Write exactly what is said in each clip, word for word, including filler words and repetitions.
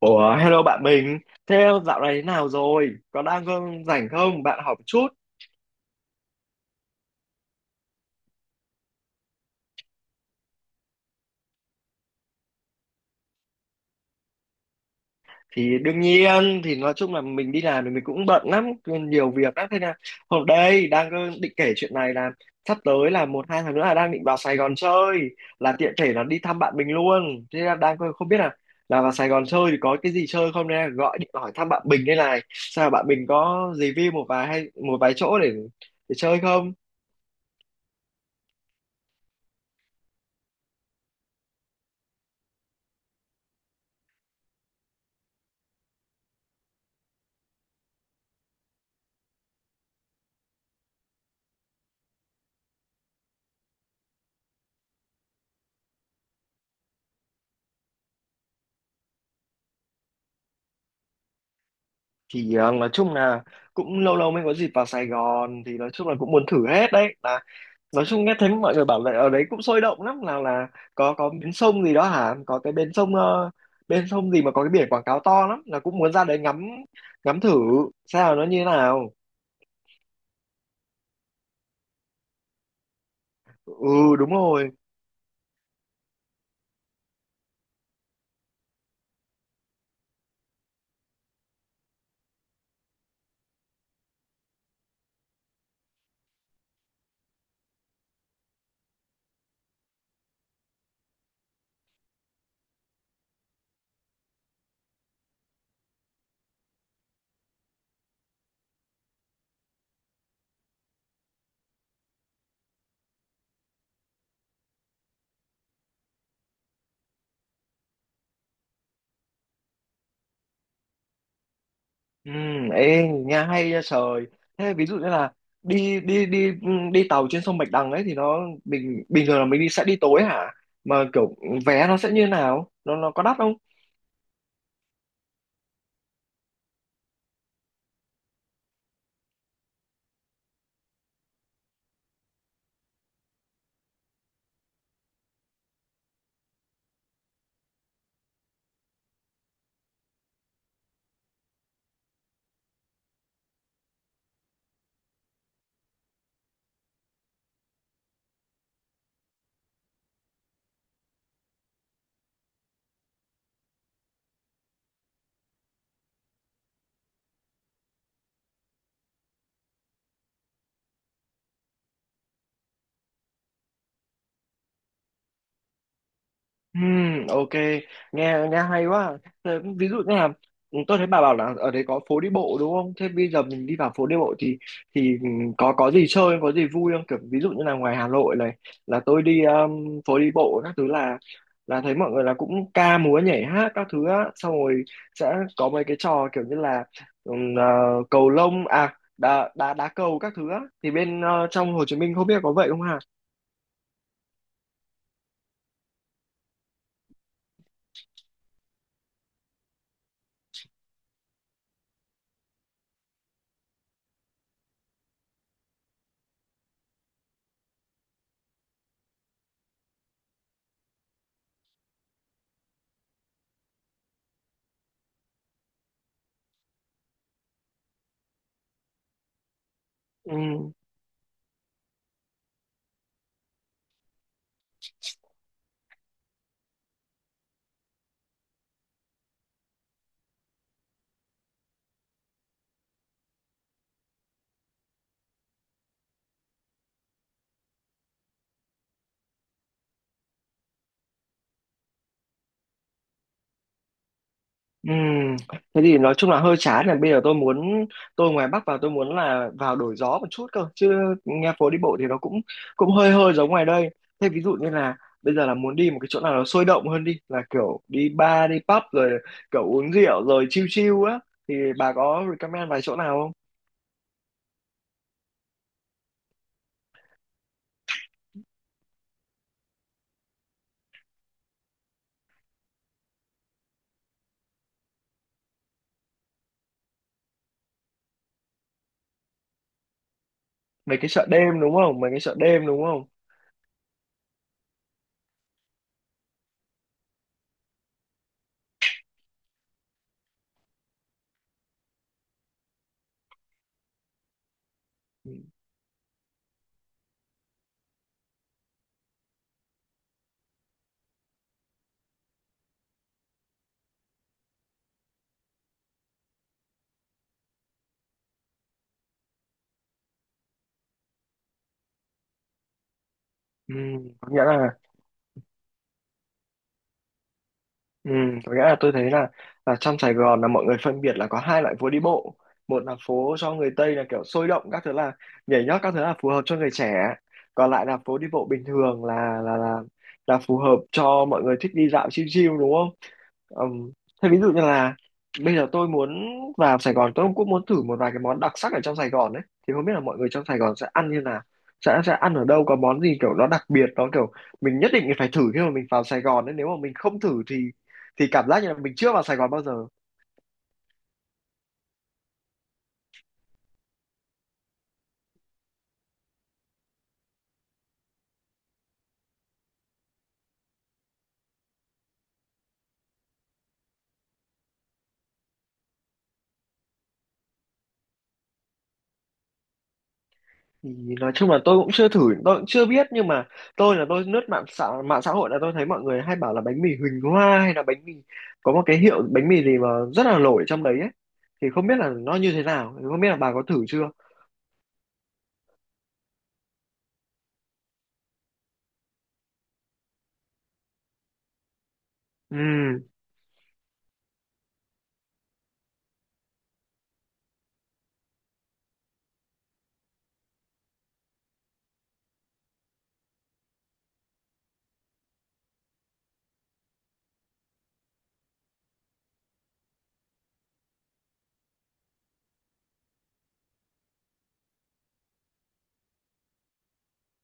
Ủa, hello bạn mình. Thế dạo này thế nào rồi? Có đang có rảnh không? Bạn học chút. Thì đương nhiên, thì nói chung là mình đi làm thì mình cũng bận lắm, nhiều việc lắm. Thế là hôm đây đang có định kể chuyện này là sắp tới là một hai tháng nữa là đang định vào Sài Gòn chơi, là tiện thể là đi thăm bạn mình luôn. Thế là đang không biết là là vào Sài Gòn chơi thì có cái gì chơi không, nên là gọi điện hỏi thăm bạn mình đây này. Sao bạn mình có review một vài hay một vài chỗ để để chơi không? thì ờ, nói chung là cũng lâu lâu mới có dịp vào Sài Gòn, thì nói chung là cũng muốn thử hết đấy. Là nói chung nghe thấy mọi người bảo là ở đấy cũng sôi động lắm, là là có có bến sông gì đó hả? Có cái bến sông ờ, bên sông gì mà có cái biển quảng cáo to lắm, là cũng muốn ra đấy ngắm ngắm thử xem là nó như thế nào. Ừ, đúng rồi. Ừ, ê, nghe hay ra trời. Thế ví dụ như là đi đi đi ừ, đi tàu trên sông Bạch Đằng ấy thì nó bình bình thường là mình đi sẽ đi tối hả? Mà kiểu vé nó sẽ như thế nào, nó nó có đắt không? Ừm, ok, nghe nghe hay quá. Thế ví dụ như là ừ, tôi thấy bà bảo là ở đấy có phố đi bộ đúng không? Thế bây giờ mình đi vào phố đi bộ thì thì có có gì chơi, có gì vui không? Kiểu ví dụ như là ngoài Hà Nội này là tôi đi um, phố đi bộ các thứ là là thấy mọi người là cũng ca múa nhảy hát các thứ á, xong rồi sẽ có mấy cái trò kiểu như là ừm, ờ, cầu lông à, đá đá đá cầu các thứ á, thì bên ờ, trong Hồ Chí Minh không biết có vậy không hả? Ừ. Ừm, thế thì nói chung là hơi chán, là bây giờ tôi muốn tôi ngoài Bắc vào tôi muốn là vào đổi gió một chút cơ chứ, nghe phố đi bộ thì nó cũng cũng hơi hơi giống ngoài đây. Thế ví dụ như là bây giờ là muốn đi một cái chỗ nào nó sôi động hơn đi, là kiểu đi bar đi pub rồi kiểu uống rượu rồi chill chill á, thì bà có recommend vài chỗ nào không? Mấy cái chợ đêm đúng không, mấy cái chợ đêm đúng không? Ừ, ừ. Có nghĩa là Ừ, có nghĩa là tôi thấy là, là trong Sài Gòn là mọi người phân biệt là có hai loại phố đi bộ. Một là phố cho người Tây là kiểu sôi động các thứ, là nhảy nhót các thứ, là phù hợp cho người trẻ. Còn lại là phố đi bộ bình thường là là là là phù hợp cho mọi người thích đi dạo chill chill đúng không? Ừm, thế ví dụ như là bây giờ tôi muốn vào Sài Gòn, tôi cũng muốn thử một vài cái món đặc sắc ở trong Sài Gòn đấy, thì không biết là mọi người trong Sài Gòn sẽ ăn như nào, sẽ sẽ ăn ở đâu, có món gì kiểu nó đặc biệt nó kiểu mình nhất định phải thử khi mà mình vào Sài Gòn đấy, nếu mà mình không thử thì thì cảm giác như là mình chưa vào Sài Gòn bao giờ. Thì nói chung là tôi cũng chưa thử, tôi cũng chưa biết. Nhưng mà tôi là tôi lướt mạng xã mạng xã hội là tôi thấy mọi người hay bảo là bánh mì Huỳnh Hoa, hay là bánh mì có một cái hiệu bánh mì gì mà rất là nổi trong đấy ấy, thì không biết là nó như thế nào, thì không biết là bà có thử chưa. Ừ,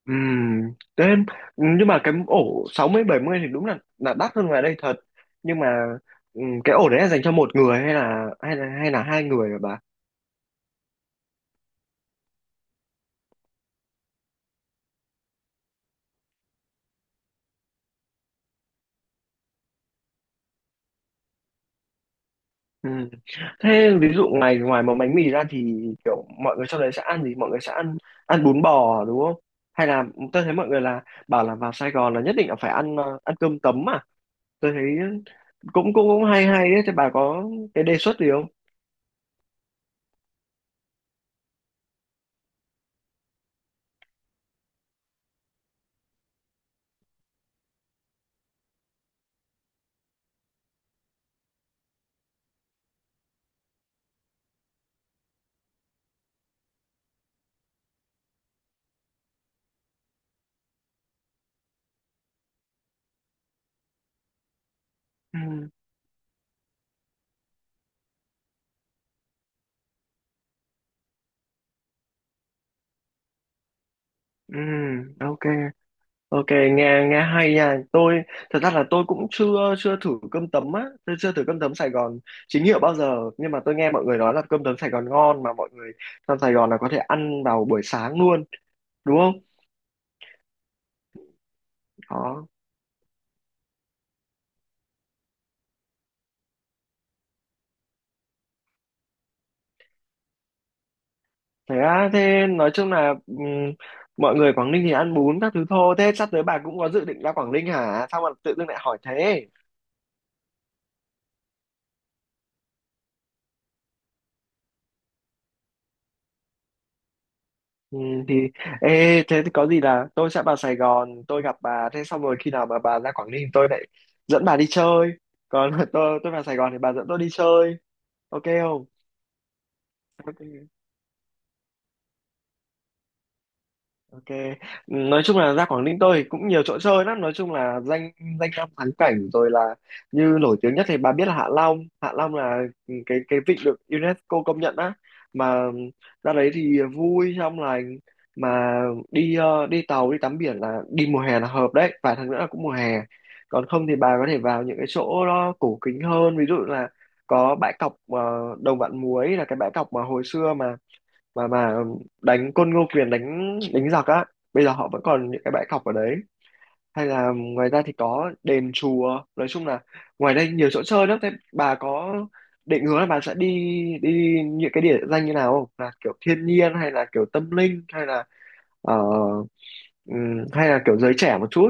ừ, đến nhưng mà cái ổ sáu mươi bảy mươi thì đúng là là đắt hơn ngoài đây thật. Nhưng mà ừ, cái ổ đấy là dành cho một người hay là hay là hay là hai người hả bà? Ừ. Thế ví dụ ngoài ngoài một bánh mì ra thì kiểu mọi người trong đấy sẽ ăn gì? Mọi người sẽ ăn ăn bún bò đúng không? Hay là tôi thấy mọi người là bảo là vào Sài Gòn là nhất định là phải ăn ờ, ăn cơm tấm à? Tôi thấy cũng cũng cũng hay hay ấy. Thế bà có cái đề xuất gì không? Ừ, ừ, ok. Ok, nghe nghe hay nha. Tôi thật ra là tôi cũng chưa chưa thử cơm tấm á, tôi chưa thử cơm tấm Sài Gòn chính hiệu bao giờ, nhưng mà tôi nghe mọi người nói là cơm tấm Sài Gòn ngon, mà mọi người trong Sài Gòn là có thể ăn vào buổi sáng luôn, đúng không? Đó. Thế á, thế nói chung là ừm, mọi người Quảng Ninh thì ăn bún các thứ thôi. Thế sắp tới bà cũng có dự định ra Quảng Ninh hả? Sao mà tự dưng lại hỏi thế? Ừ, thì ê, thế thì có gì là tôi sẽ vào Sài Gòn tôi gặp bà, thế xong rồi khi nào mà bà ra Quảng Ninh tôi lại dẫn bà đi chơi, còn tôi tôi vào Sài Gòn thì bà dẫn tôi đi chơi, ok không? Ok. Ok, nói chung là ra Quảng Ninh tôi thì cũng nhiều chỗ chơi lắm, nói chung là danh danh lam thắng cảnh rồi, là như nổi tiếng nhất thì bà biết là Hạ Long, Hạ Long là cái cái vịnh được UNESCO công nhận á, mà ra đấy thì vui trong lành, mà đi ờ, đi tàu đi tắm biển là đi mùa hè là hợp đấy, vài tháng nữa là cũng mùa hè. Còn không thì bà có thể vào những cái chỗ nó cổ kính hơn, ví dụ là có bãi cọc ờ, Đồng Vạn Muối, là cái bãi cọc mà hồi xưa mà mà mà đánh côn Ngô Quyền đánh đánh giặc á, bây giờ họ vẫn còn những cái bãi cọc ở đấy. Hay là ngoài ra thì có đền chùa, nói chung là ngoài đây nhiều chỗ chơi lắm. Thế bà có định hướng là bà sẽ đi đi những cái địa danh như nào không, là kiểu thiên nhiên hay là kiểu tâm linh hay là ờ, ừm, hay là kiểu giới trẻ một chút?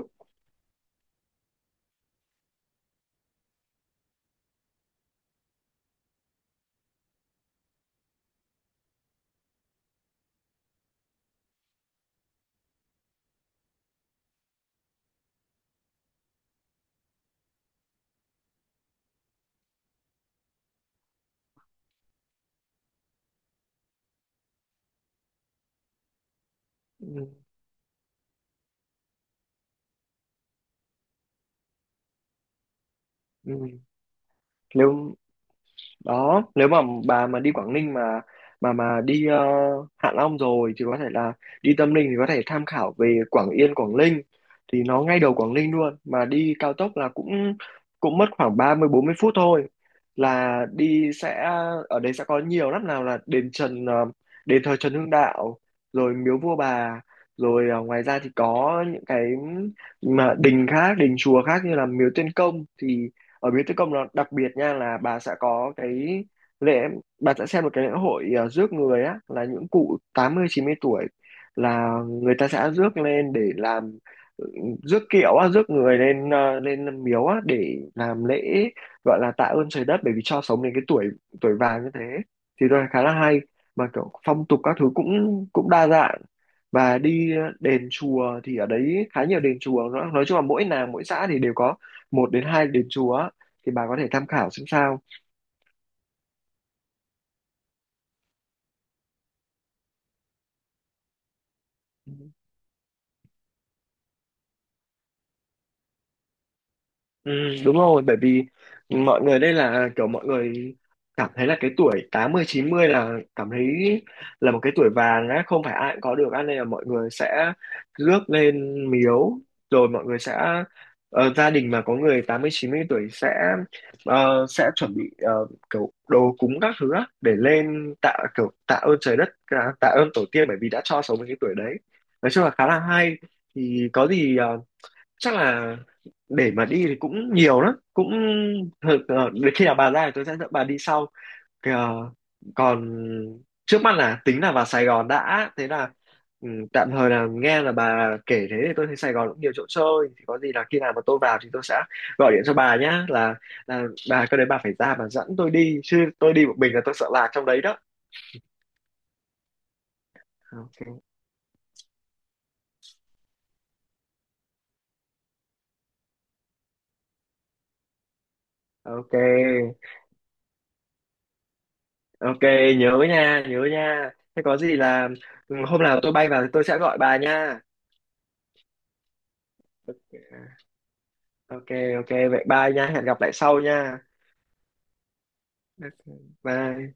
Ừm, ừm. Nếu đó, nếu mà bà mà đi Quảng Ninh mà mà mà đi ờ, Hạ Long rồi thì có thể là đi Tâm Linh, thì có thể tham khảo về Quảng Yên Quảng Ninh, thì nó ngay đầu Quảng Ninh luôn, mà đi cao tốc là cũng cũng mất khoảng ba mươi bốn mươi phút thôi, là đi sẽ ở đây sẽ có nhiều lắm, nào là đền Trần, ờ, đền thờ Trần Hưng Đạo, rồi miếu vua bà, rồi ờ, ngoài ra thì có những cái mà đình khác, đình chùa khác như là miếu Tiên Công, thì ở Biến Tri Công nó đặc biệt nha, là bà sẽ có cái lễ, bà sẽ xem một cái lễ hội ờ, rước người á, là những cụ tám mươi chín mươi tuổi là người ta sẽ rước lên để làm, ừ, rước kiệu á, rước người lên ờ, lên miếu á để làm lễ, gọi là tạ ơn trời đất bởi vì cho sống đến cái tuổi tuổi vàng như thế, thì tôi thấy khá là hay, mà kiểu phong tục các thứ cũng cũng đa dạng. Và đi ờ, đền chùa thì ở đấy khá nhiều đền chùa, nói, nói chung là mỗi làng mỗi xã thì đều có một đến hai đền chùa, thì bà có thể tham khảo xem sao. Ừ, đúng rồi, bởi vì mọi người đây là kiểu mọi người cảm thấy là cái tuổi tám mươi chín mươi là cảm thấy là một cái tuổi vàng á, không phải ai cũng có được á, nên là mọi người sẽ rước lên miếu. Rồi mọi người sẽ ờ, gia đình mà có người tám mươi chín mươi tuổi sẽ ờ, sẽ chuẩn bị ờ, kiểu đồ cúng các thứ á, để lên tạ kiểu tạ ơn trời đất, tạ tạ ơn tổ tiên bởi vì đã cho sống đến cái tuổi đấy, nói chung là khá là hay. Thì có gì ờ, chắc là để mà đi thì cũng nhiều lắm, cũng ờ, để khi nào bà ra thì tôi sẽ dẫn bà đi sau. Kìa, còn trước mắt là tính là vào Sài Gòn đã. Thế là ừ, tạm thời là nghe là bà kể thế thì tôi thấy Sài Gòn cũng nhiều chỗ chơi, thì có gì là khi nào mà tôi vào thì tôi sẽ gọi điện cho bà nhá, là, là bà cái đấy bà phải ra bà dẫn tôi đi chứ, tôi đi một mình là tôi sợ lạc trong đấy đó. Ok, ok, ok. Nhớ nha, nhớ nha. Thế có gì là ừ, hôm nào tôi bay vào thì tôi sẽ gọi bà nha. Ok, ok, vậy bye nha, hẹn gặp lại sau nha. Ok, bye.